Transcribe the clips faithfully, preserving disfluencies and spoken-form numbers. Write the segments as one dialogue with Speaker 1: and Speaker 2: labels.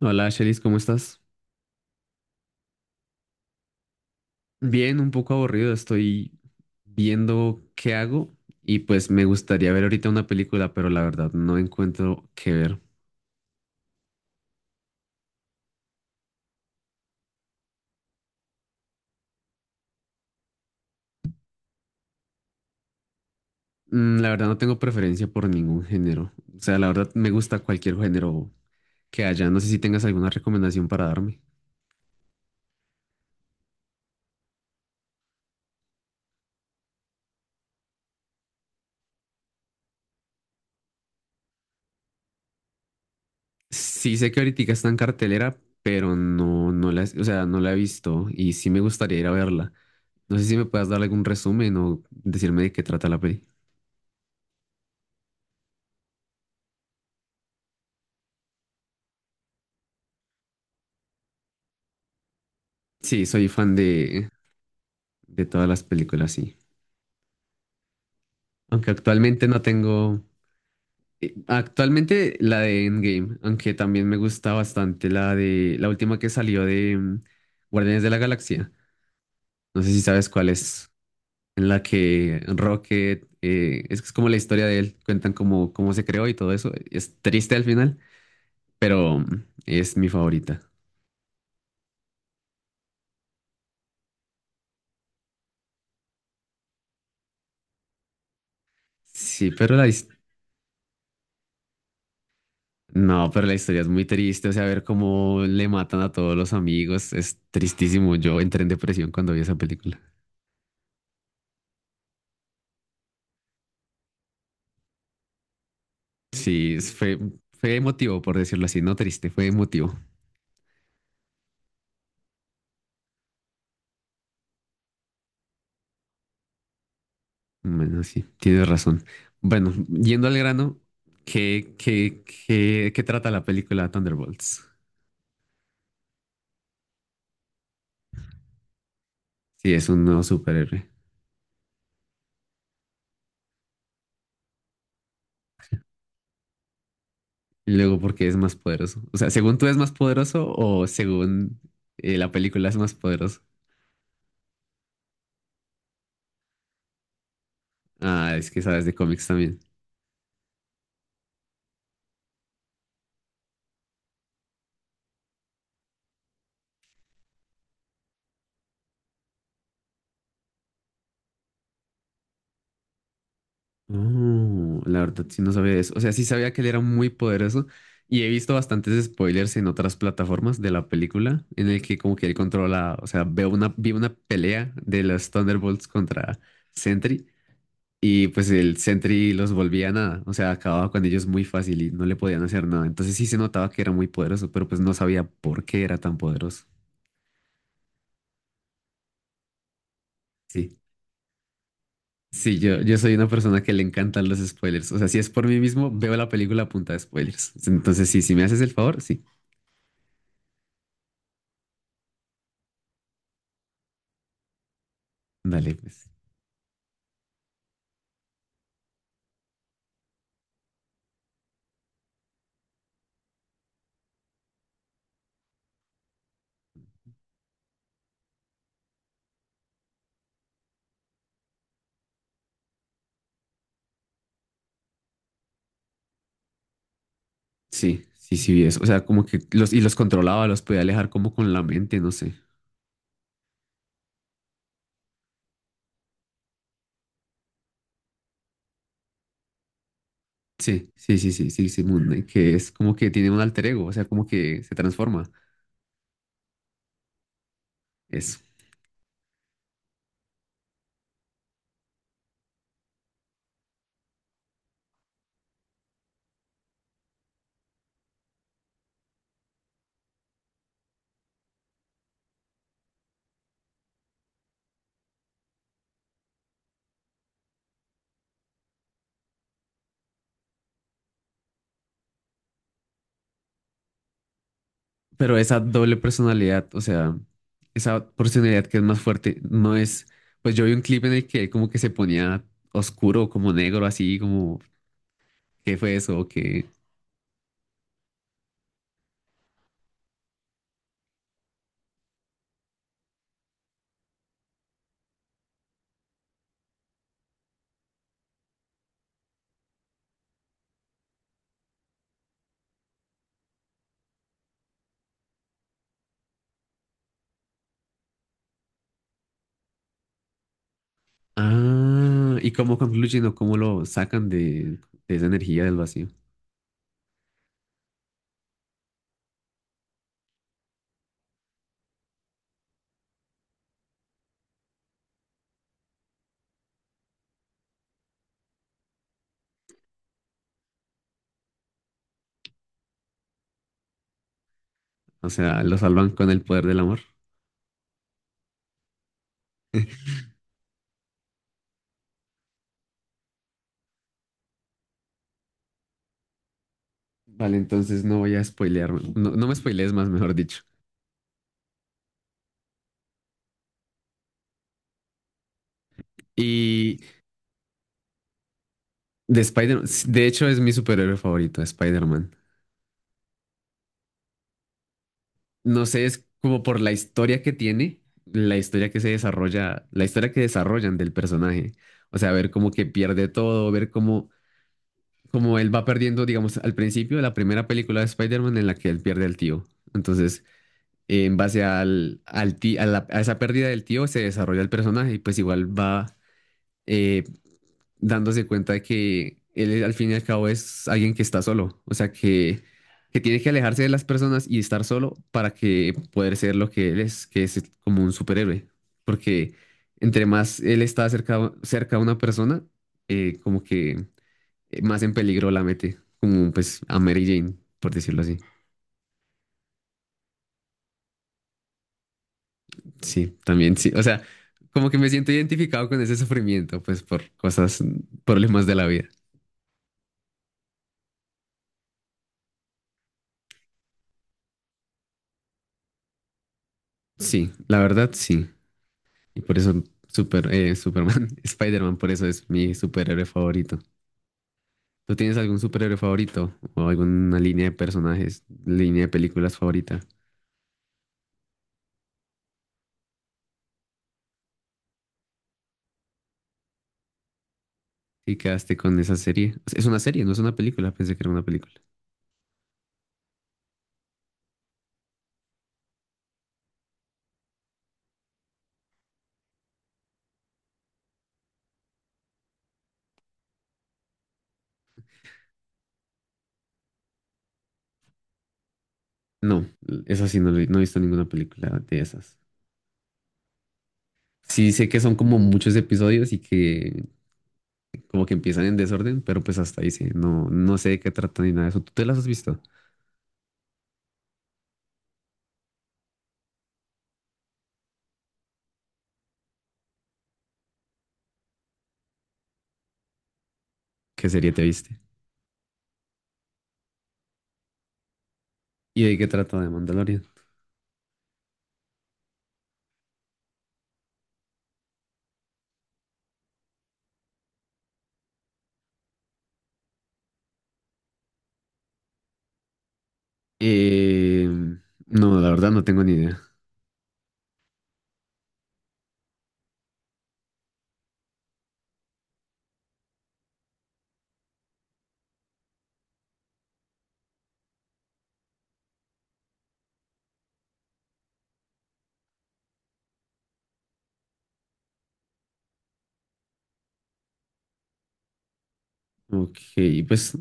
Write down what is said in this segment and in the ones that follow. Speaker 1: Hola, Shelis, ¿cómo estás? Bien, un poco aburrido, estoy viendo qué hago y pues me gustaría ver ahorita una película, pero la verdad no encuentro qué ver. Mm, La verdad no tengo preferencia por ningún género. O sea, la verdad me gusta cualquier género que haya. No sé si tengas alguna recomendación para darme. Sí sé que ahorita está en cartelera, pero no, no la, o sea, no la he visto y sí me gustaría ir a verla. No sé si me puedas dar algún resumen o decirme de qué trata la peli. Sí, soy fan de, de todas las películas, sí. Aunque actualmente no tengo. eh, Actualmente la de Endgame, aunque también me gusta bastante la de la última que salió de mm, Guardianes de la Galaxia. No sé si sabes cuál es, en la que Rocket, eh, es que es como la historia de él, cuentan cómo, cómo se creó y todo eso. Es triste al final, pero mm, es mi favorita. Sí, pero la, his- no, pero la historia es muy triste, o sea, ver cómo le matan a todos los amigos, es tristísimo. Yo entré en depresión cuando vi esa película. Sí, es- fue, fue emotivo, por decirlo así, no triste, fue emotivo. Bueno, sí, tienes razón. Bueno, yendo al grano, ¿qué, qué, qué, qué trata la película Thunderbolts? Sí, es un nuevo superhéroe. Y luego, ¿por qué es más poderoso? O sea, ¿según tú es más poderoso o según eh, la película es más poderoso? Ah, es que sabes de cómics también. Oh, la verdad sí no sabía eso. O sea, sí sabía que él era muy poderoso y he visto bastantes spoilers en otras plataformas de la película en el que como que él controla, o sea, veo una, vi una pelea de los Thunderbolts contra Sentry y pues el Sentry los volvía nada, o sea, acababa con ellos muy fácil y no le podían hacer nada. Entonces sí se notaba que era muy poderoso, pero pues no sabía por qué era tan poderoso. Sí. Sí, yo, yo soy una persona que le encantan los spoilers. O sea, si es por mí mismo, veo la película a punta de spoilers. Entonces, sí, si me haces el favor, sí. Dale, pues. Sí, sí, sí, vi eso. O sea, como que los, y los controlaba, los podía alejar como con la mente, no sé. Sí, sí, sí, sí, sí, sí, Moon Knight, que es como que tiene un alter ego, o sea, como que se transforma. Eso. Pero esa doble personalidad, o sea, esa personalidad que es más fuerte, no es. Pues yo vi un clip en el que él como que se ponía oscuro, como negro, así, como, ¿qué fue eso? ¿O qué? Ah, ¿y cómo concluyen o cómo lo sacan de, de esa energía del vacío? O sea, lo salvan con el poder del amor. Vale, entonces no voy a spoilearme. No, no me spoilees más, mejor dicho. Y de Spider, de hecho es mi superhéroe favorito, Spider-Man. No sé, es como por la historia que tiene, la historia que se desarrolla, la historia que desarrollan del personaje. O sea, ver cómo que pierde todo, ver cómo, cómo él va perdiendo, digamos, al principio de la primera película de Spider-Man en la que él pierde al tío. Entonces, en base al, al ti- a, la- a esa pérdida del tío se desarrolla el personaje y pues igual va eh, dándose cuenta de que él al fin y al cabo es alguien que está solo, o sea que, que tiene que alejarse de las personas y estar solo para que poder ser lo que él es, que es como un superhéroe, porque entre más él está cerca, cerca a una persona, eh, como que eh, más en peligro la mete, como pues a Mary Jane, por decirlo así. Sí, también sí. O sea, como que me siento identificado con ese sufrimiento, pues por cosas, problemas de la vida. Sí, la verdad, sí. Y por eso super, eh, Superman, Spider-Man, por eso es mi superhéroe favorito. ¿Tú tienes algún superhéroe favorito o alguna línea de personajes, línea de películas favorita? Y quedaste con esa serie. Es una serie, no es una película. Pensé que era una película. No, esa sí no, lo- he- no he visto ninguna película de esas. Sí sé que son como muchos episodios y que como que empiezan en desorden, pero pues hasta ahí sí, no, no sé de qué trata ni nada de eso. ¿Tú te las has visto? ¿Qué serie te viste? ¿Y de qué trata de Mandalorian? Eh, no, la verdad no tengo ni idea. Ok, pues,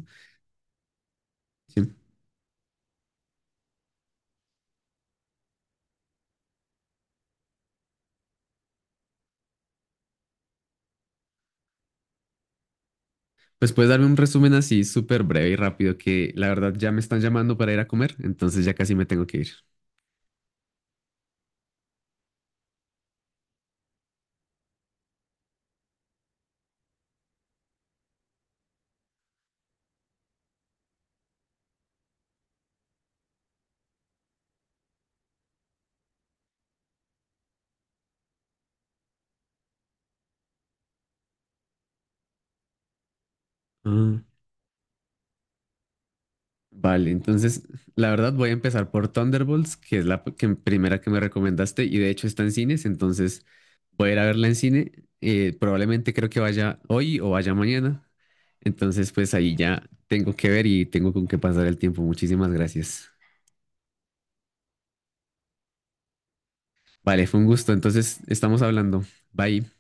Speaker 1: sí. Pues puedes darme un resumen así súper breve y rápido que la verdad ya me están llamando para ir a comer, entonces ya casi me tengo que ir. Ah, vale, entonces la verdad voy a empezar por Thunderbolts, que es la p- que- primera que me recomendaste y de hecho está en cines, entonces voy a ir a verla en cine. Eh, probablemente creo que vaya hoy o vaya mañana. Entonces pues ahí ya tengo que ver y tengo con qué pasar el tiempo. Muchísimas gracias. Vale, fue un gusto. Entonces estamos hablando. Bye.